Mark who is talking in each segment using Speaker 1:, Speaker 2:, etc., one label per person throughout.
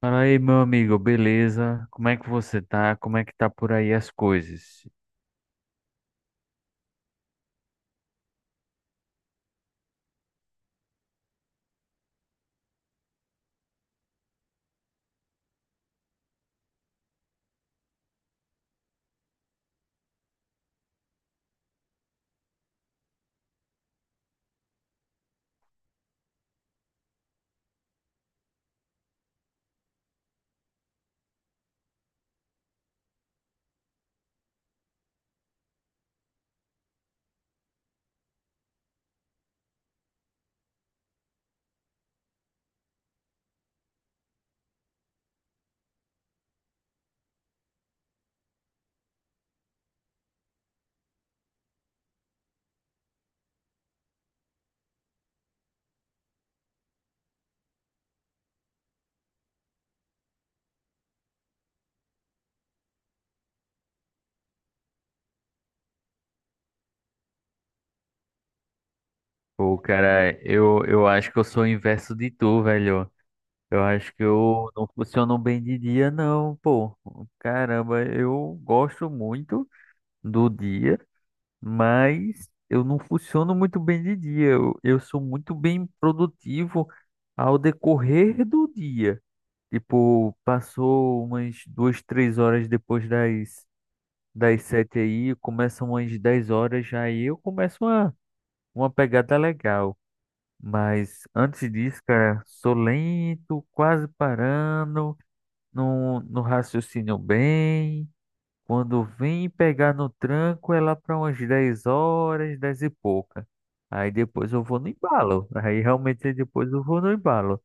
Speaker 1: Fala aí, meu amigo, beleza? Como é que você tá? Como é que tá por aí as coisas? Pô, cara, eu acho que eu sou o inverso de tu, velho. Eu acho que eu não funciono bem de dia, não, pô. Caramba, eu gosto muito do dia, mas eu não funciono muito bem de dia. Eu sou muito bem produtivo ao decorrer do dia. Tipo, passou umas 2, 3 horas depois das 7 aí, começa umas 10 horas, já aí eu começo uma pegada legal. Mas antes disso, cara, sou lento, quase parando, não, não raciocino bem. Quando vem pegar no tranco, é lá para umas 10 horas, 10 e pouca. Aí depois eu vou no embalo. Aí realmente depois eu vou no embalo.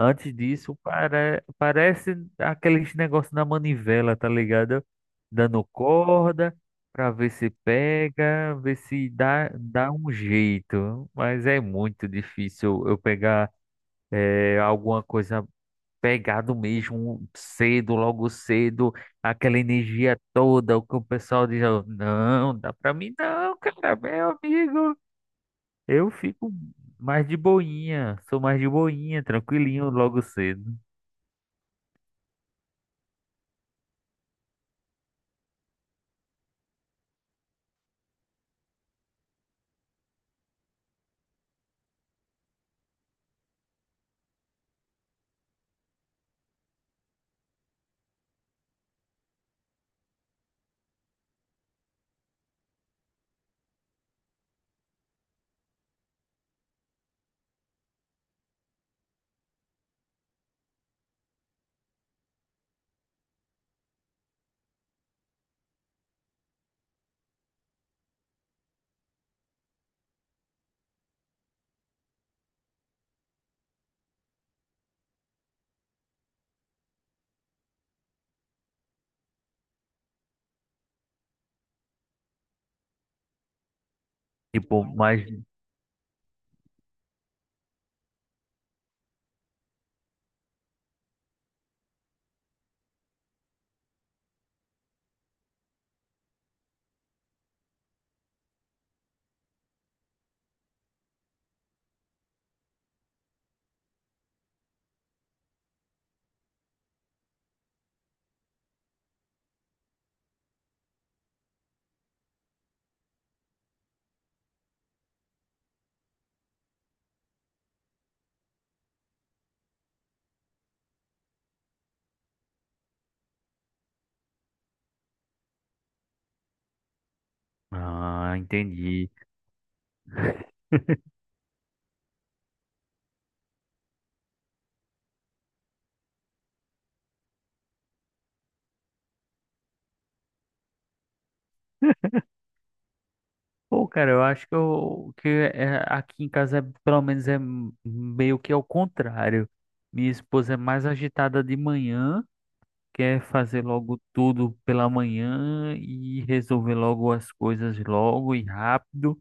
Speaker 1: Antes disso, parece aqueles negócios na manivela, tá ligado? Dando corda pra ver se pega, ver se dá um jeito. Mas é muito difícil eu pegar alguma coisa pegado mesmo, cedo, logo cedo, aquela energia toda, o que o pessoal diz, ó, não, dá pra mim não, cara, meu amigo. Eu fico mais de boinha, sou mais de boinha, tranquilinho logo cedo. Tipo, mas. Ah, entendi. Pô, cara, eu acho que, aqui em casa, pelo menos, meio que ao contrário. Minha esposa é mais agitada de manhã, quer fazer logo tudo pela manhã e resolver logo as coisas logo e rápido.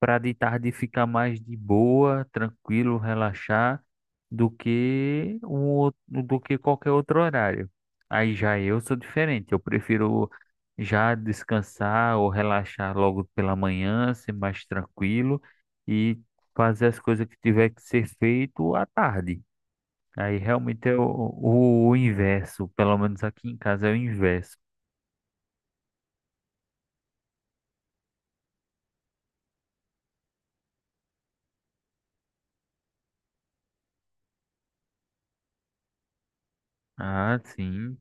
Speaker 1: Para de tarde ficar mais de boa, tranquilo, relaxar, do que do que qualquer outro horário. Aí já eu sou diferente, eu prefiro já descansar ou relaxar logo pela manhã, ser mais tranquilo e fazer as coisas que tiver que ser feito à tarde. Aí realmente é o inverso, pelo menos aqui em casa é o inverso. Ah, sim.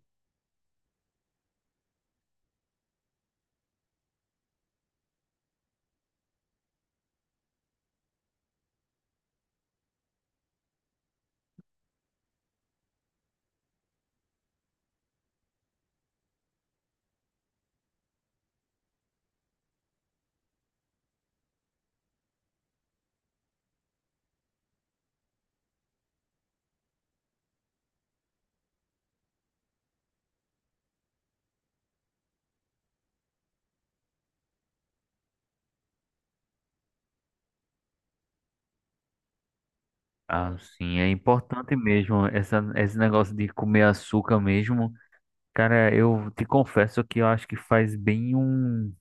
Speaker 1: Ah, sim, é importante mesmo essa, esse negócio de comer açúcar mesmo. Cara, eu te confesso que eu acho que faz bem um.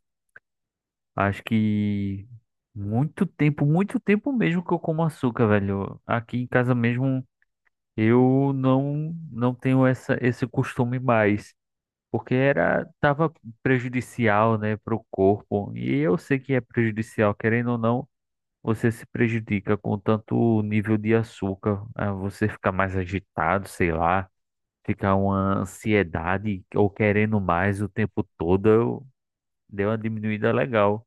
Speaker 1: Acho que muito tempo mesmo que eu como açúcar, velho. Aqui em casa mesmo eu não tenho essa, esse costume mais, porque era tava prejudicial, né, pro corpo. E eu sei que é prejudicial, querendo ou não. Você se prejudica com tanto nível de açúcar, ah, você fica mais agitado, sei lá, fica uma ansiedade ou querendo mais o tempo todo, deu uma diminuída legal.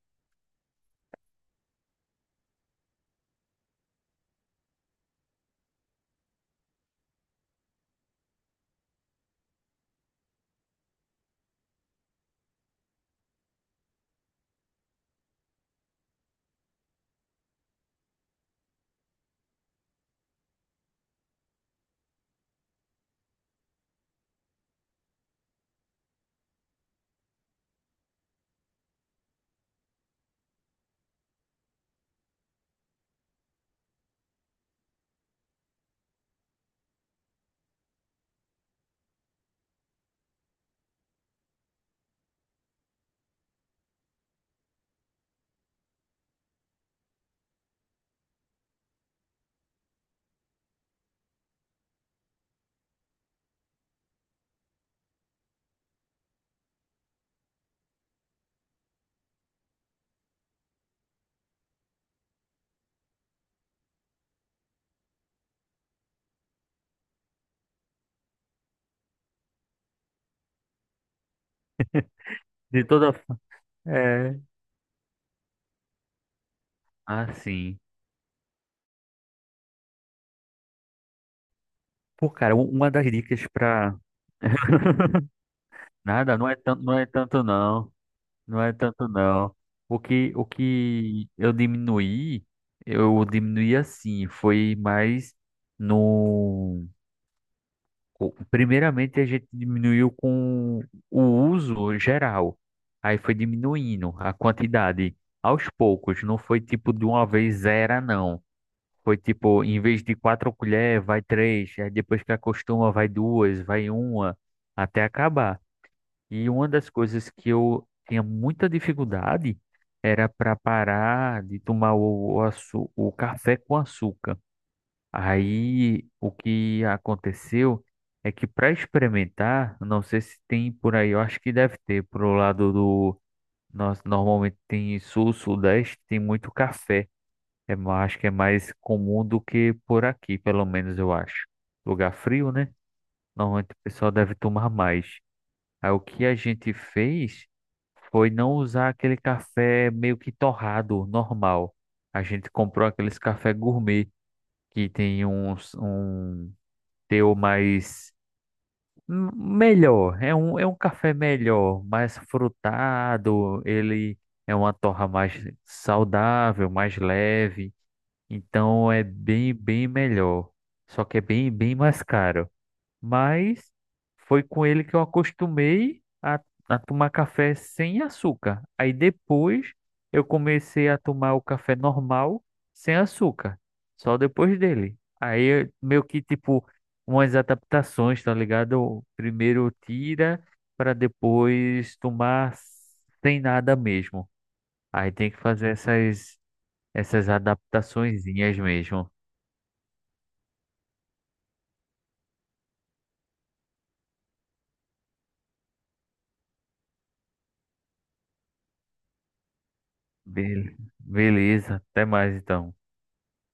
Speaker 1: De toda forma, é, assim. Pô, cara, uma das dicas para nada, não é tanto, não é tanto não, não é tanto não. O que eu diminuí, assim, foi mais no co- primeiramente, a gente diminuiu com o uso geral. Aí foi diminuindo a quantidade aos poucos. Não foi tipo de uma vez zero, não. Foi tipo, em vez de quatro colheres, vai três. Aí depois que acostuma, vai duas, vai uma, até acabar. E uma das coisas que eu tinha muita dificuldade era para parar de tomar o café com açúcar. Aí o que aconteceu é que para experimentar, não sei se tem por aí, eu acho que deve ter pro lado do nós normalmente tem sul, sudeste, tem muito café. É, acho que é mais comum do que por aqui, pelo menos eu acho. Lugar frio, né? Normalmente o pessoal deve tomar mais. Aí o que a gente fez foi não usar aquele café meio que torrado, normal. A gente comprou aqueles café gourmet que tem uns, um teu mais melhor, é um café melhor, mais frutado, ele é uma torra mais saudável, mais leve, então é bem, bem melhor. Só que é bem, bem mais caro. Mas foi com ele que eu acostumei a tomar café sem açúcar. Aí depois eu comecei a tomar o café normal sem açúcar, só depois dele. Aí meio que tipo umas adaptações, tá ligado? Primeiro tira para depois tomar sem nada mesmo. Aí tem que fazer essas adaptaçõezinhas mesmo. Beleza, até mais então.